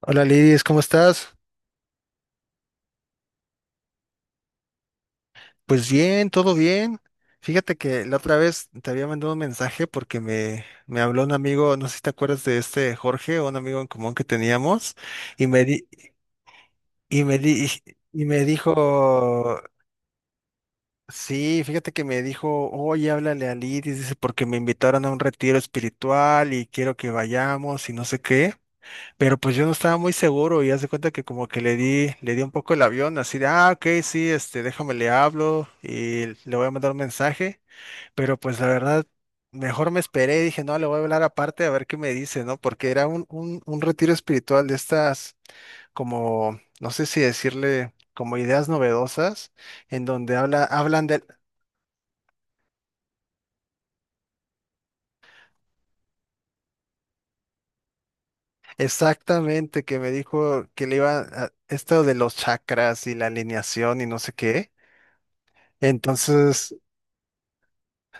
Hola Lidis, ¿cómo estás? Pues bien, todo bien. Fíjate que la otra vez te había mandado un mensaje porque me habló un amigo, no sé si te acuerdas de este Jorge, un amigo en común que teníamos, y me di- y me di- y me dijo, sí, fíjate que me dijo, oye, háblale a Lidis, dice, porque me invitaron a un retiro espiritual y quiero que vayamos y no sé qué. Pero pues yo no estaba muy seguro y haz de cuenta que como que le di un poco el avión, así de, ah, ok, sí, déjame le hablo y le voy a mandar un mensaje, pero pues la verdad, mejor me esperé, dije, no, le voy a hablar aparte a ver qué me dice, ¿no? Porque era un retiro espiritual de estas, como, no sé si decirle, como ideas novedosas, en donde hablan de, exactamente, que me dijo que le iba a, esto de los chakras y la alineación y no sé qué. Entonces.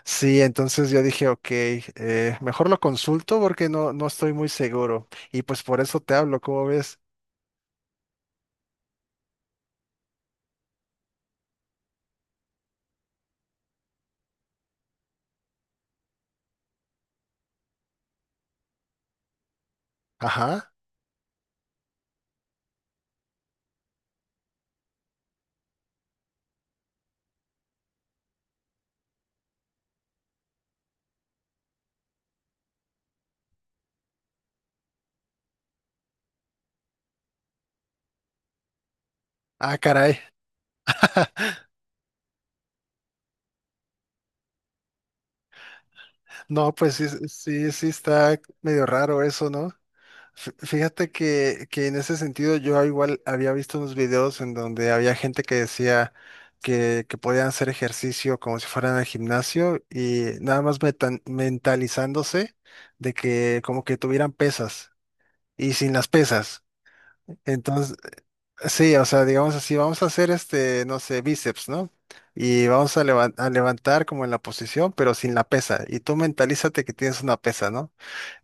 Sí, entonces yo dije, ok, mejor lo consulto porque no estoy muy seguro. Y pues por eso te hablo, ¿cómo ves? Ajá. Ah, caray. No, pues sí, sí, sí, está medio raro eso, ¿no? Fíjate que, en ese sentido yo igual había visto unos videos en donde había gente que decía que podían hacer ejercicio como si fueran al gimnasio y nada más mentalizándose de que como que tuvieran pesas y sin las pesas. Entonces, sí, o sea, digamos así, vamos a hacer no sé, bíceps, ¿no? Y vamos a levantar como en la posición, pero sin la pesa. Y tú mentalízate que tienes una pesa, ¿no?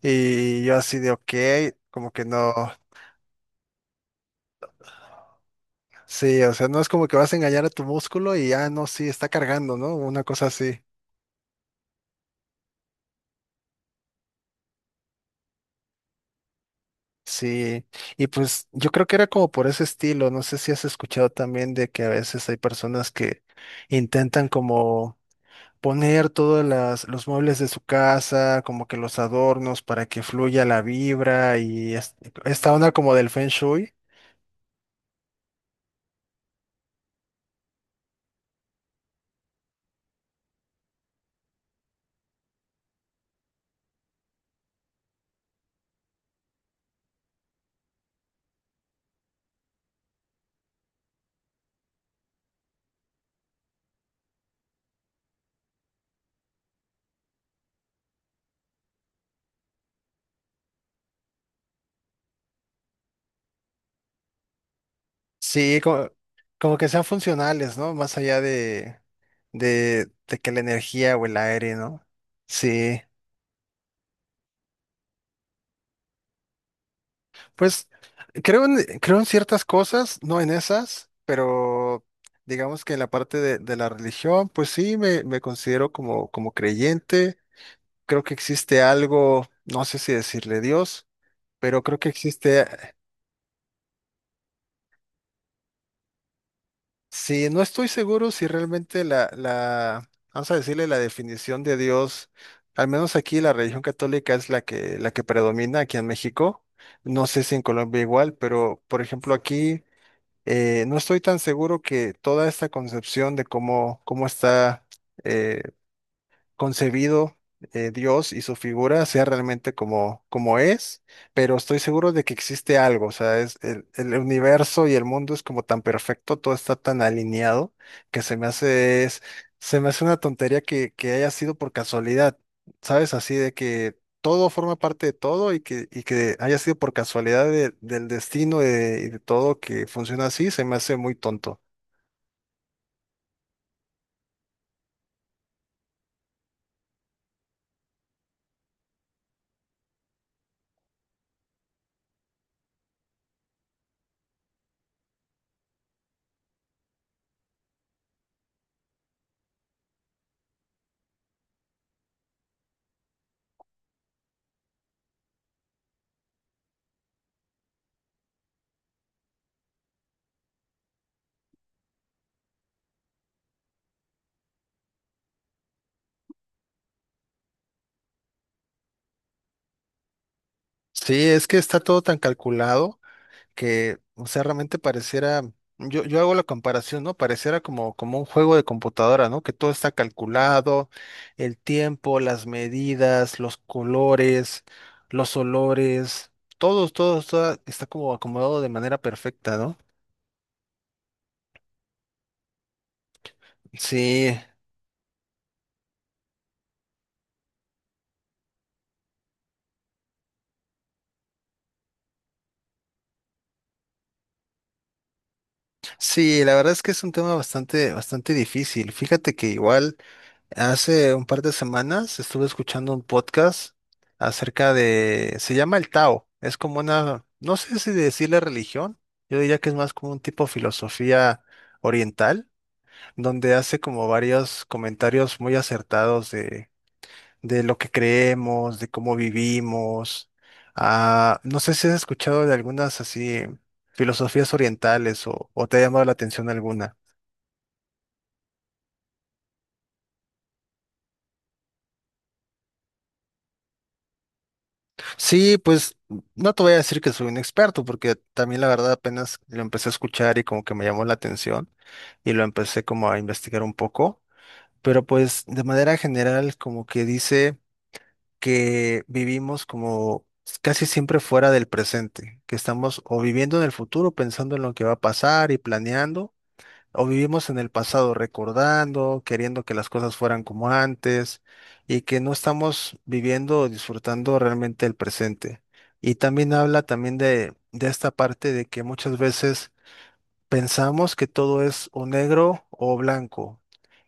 Y yo así de, ok, como que no, sí, o sea, no es como que vas a engañar a tu músculo y ya no, sí, está cargando, ¿no? Una cosa así. Sí, y pues yo creo que era como por ese estilo, no sé si has escuchado también de que a veces hay personas que intentan como poner todos los muebles de su casa, como que los adornos para que fluya la vibra y esta onda como del Feng Shui. Sí, como que sean funcionales, ¿no? Más allá de, que la energía o el aire, ¿no? Sí, pues creo en ciertas cosas, no en esas, pero digamos que en la parte de, la religión, pues sí, me considero como creyente. Creo que existe algo, no sé si decirle Dios, pero creo que existe, sí, no estoy seguro si realmente vamos a decirle la definición de Dios, al menos aquí la religión católica es la que predomina aquí en México. No sé si en Colombia igual, pero por ejemplo aquí no estoy tan seguro que toda esta concepción de cómo está eh, concebido, Dios y su figura sea realmente como, es, pero estoy seguro de que existe algo, o sea, es el universo, y el mundo es como tan perfecto, todo está tan alineado que se me hace, se me hace una tontería que, haya sido por casualidad, ¿sabes? Así de que todo forma parte de todo y que haya sido por casualidad del destino y de todo, que funciona así, se me hace muy tonto. Sí, es que está todo tan calculado que, o sea, realmente pareciera, yo hago la comparación, ¿no? Pareciera como un juego de computadora, ¿no? Que todo está calculado, el tiempo, las medidas, los colores, los olores, todo está como acomodado de manera perfecta, ¿no? Sí, sí, la verdad es que es un tema bastante, bastante difícil. Fíjate que igual. Hace un par de semanas estuve escuchando un podcast acerca de, se llama el Tao, es como una, no sé si decirle religión, yo diría que es más como un tipo de filosofía oriental, donde hace como varios comentarios muy acertados de, lo que creemos, de cómo vivimos. Ah, no sé si has escuchado de algunas así filosofías orientales o te ha llamado la atención alguna. Sí, pues no te voy a decir que soy un experto, porque también la verdad apenas lo empecé a escuchar y como que me llamó la atención y lo empecé como a investigar un poco, pero pues de manera general como que dice que vivimos como casi siempre fuera del presente, que estamos o viviendo en el futuro pensando en lo que va a pasar y planeando, o vivimos en el pasado recordando, queriendo que las cosas fueran como antes, y que no estamos viviendo o disfrutando realmente el presente. Y también habla también de, esta parte de que muchas veces pensamos que todo es o negro o blanco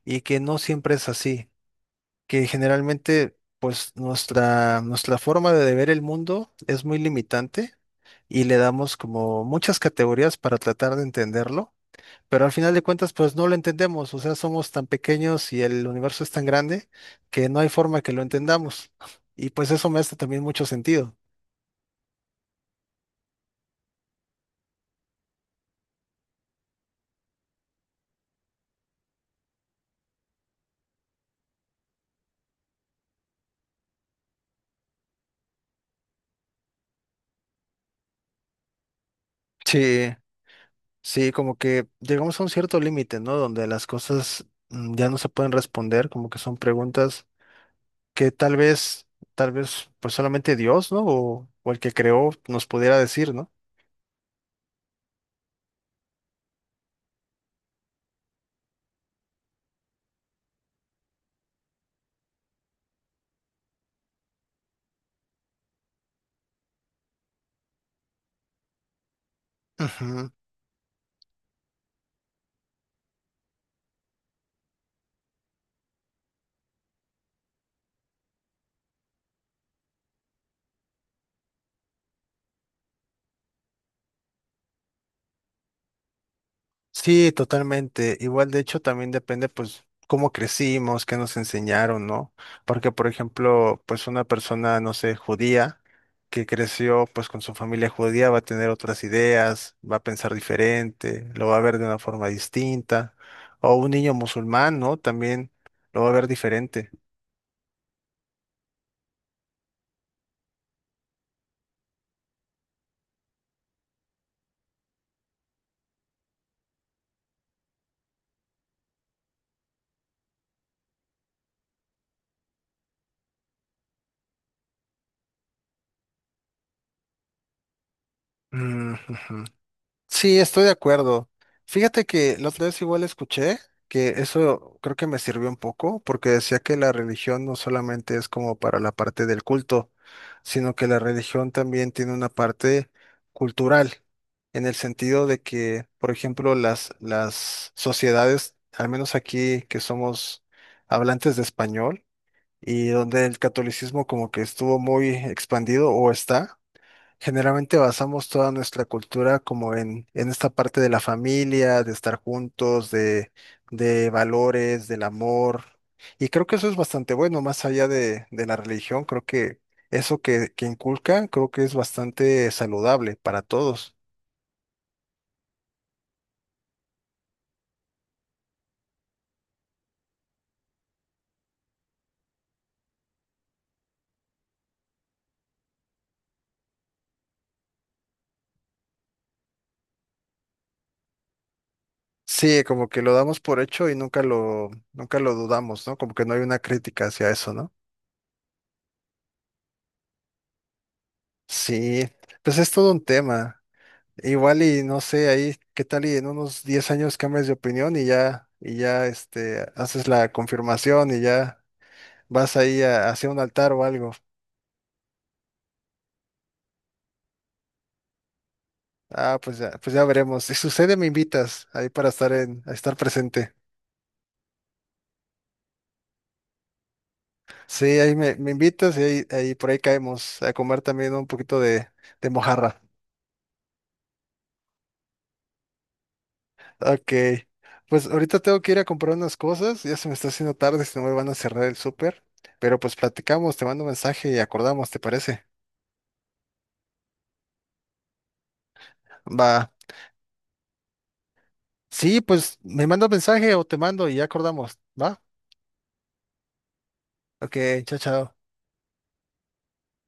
y que no siempre es así, que generalmente pues nuestra forma de ver el mundo es muy limitante, y le damos como muchas categorías para tratar de entenderlo, pero al final de cuentas, pues no lo entendemos, o sea, somos tan pequeños y el universo es tan grande que no hay forma que lo entendamos. Y pues eso me hace también mucho sentido. Sí, sí, como que llegamos a un cierto límite, ¿no? Donde las cosas, ya no se pueden responder, como que son preguntas que tal vez, pues solamente Dios, ¿no? O el que creó nos pudiera decir, ¿no? Ujú. Sí, totalmente. Igual, de hecho, también depende, pues, cómo crecimos, qué nos enseñaron, ¿no? Porque, por ejemplo, pues una persona, no sé, judía, que creció, pues, con su familia judía, va a tener otras ideas, va a pensar diferente, lo va a ver de una forma distinta. O un niño musulmán, ¿no? También lo va a ver diferente. Mm, ujú. Sí, estoy de acuerdo. Fíjate que la otra vez igual escuché que eso creo que me sirvió un poco, porque decía que la religión no solamente es como para la parte del culto, sino que la religión también tiene una parte cultural, en el sentido de que, por ejemplo, las sociedades, al menos aquí que somos hablantes de español y donde el catolicismo como que estuvo muy expandido o está. Generalmente basamos toda nuestra cultura como en, esta parte de la familia, de estar juntos, de valores, del amor. Y creo que eso es bastante bueno, más allá de la religión, creo que eso que inculcan, creo que es bastante saludable para todos. Sí, como que lo damos por hecho y nunca lo dudamos, ¿no? Como que no hay una crítica hacia eso, ¿no? Sí, pues es todo un tema. Igual y no sé, ahí qué tal y en unos 10 años cambias de opinión, y ya haces la confirmación y ya vas ahí hacia un altar o algo. Ah, pues ya veremos. Si sucede, me invitas ahí para estar en, a estar presente. Sí, ahí me invitas y ahí por ahí caemos a comer también un poquito de mojarra. Ok. Pues ahorita tengo que ir a comprar unas cosas, ya se me está haciendo tarde, si no me van a cerrar el súper. Pero pues platicamos, te mando un mensaje y acordamos, ¿te parece? Va. Sí, pues me manda un mensaje o te mando y ya acordamos, ¿va? Ok, chao, chao.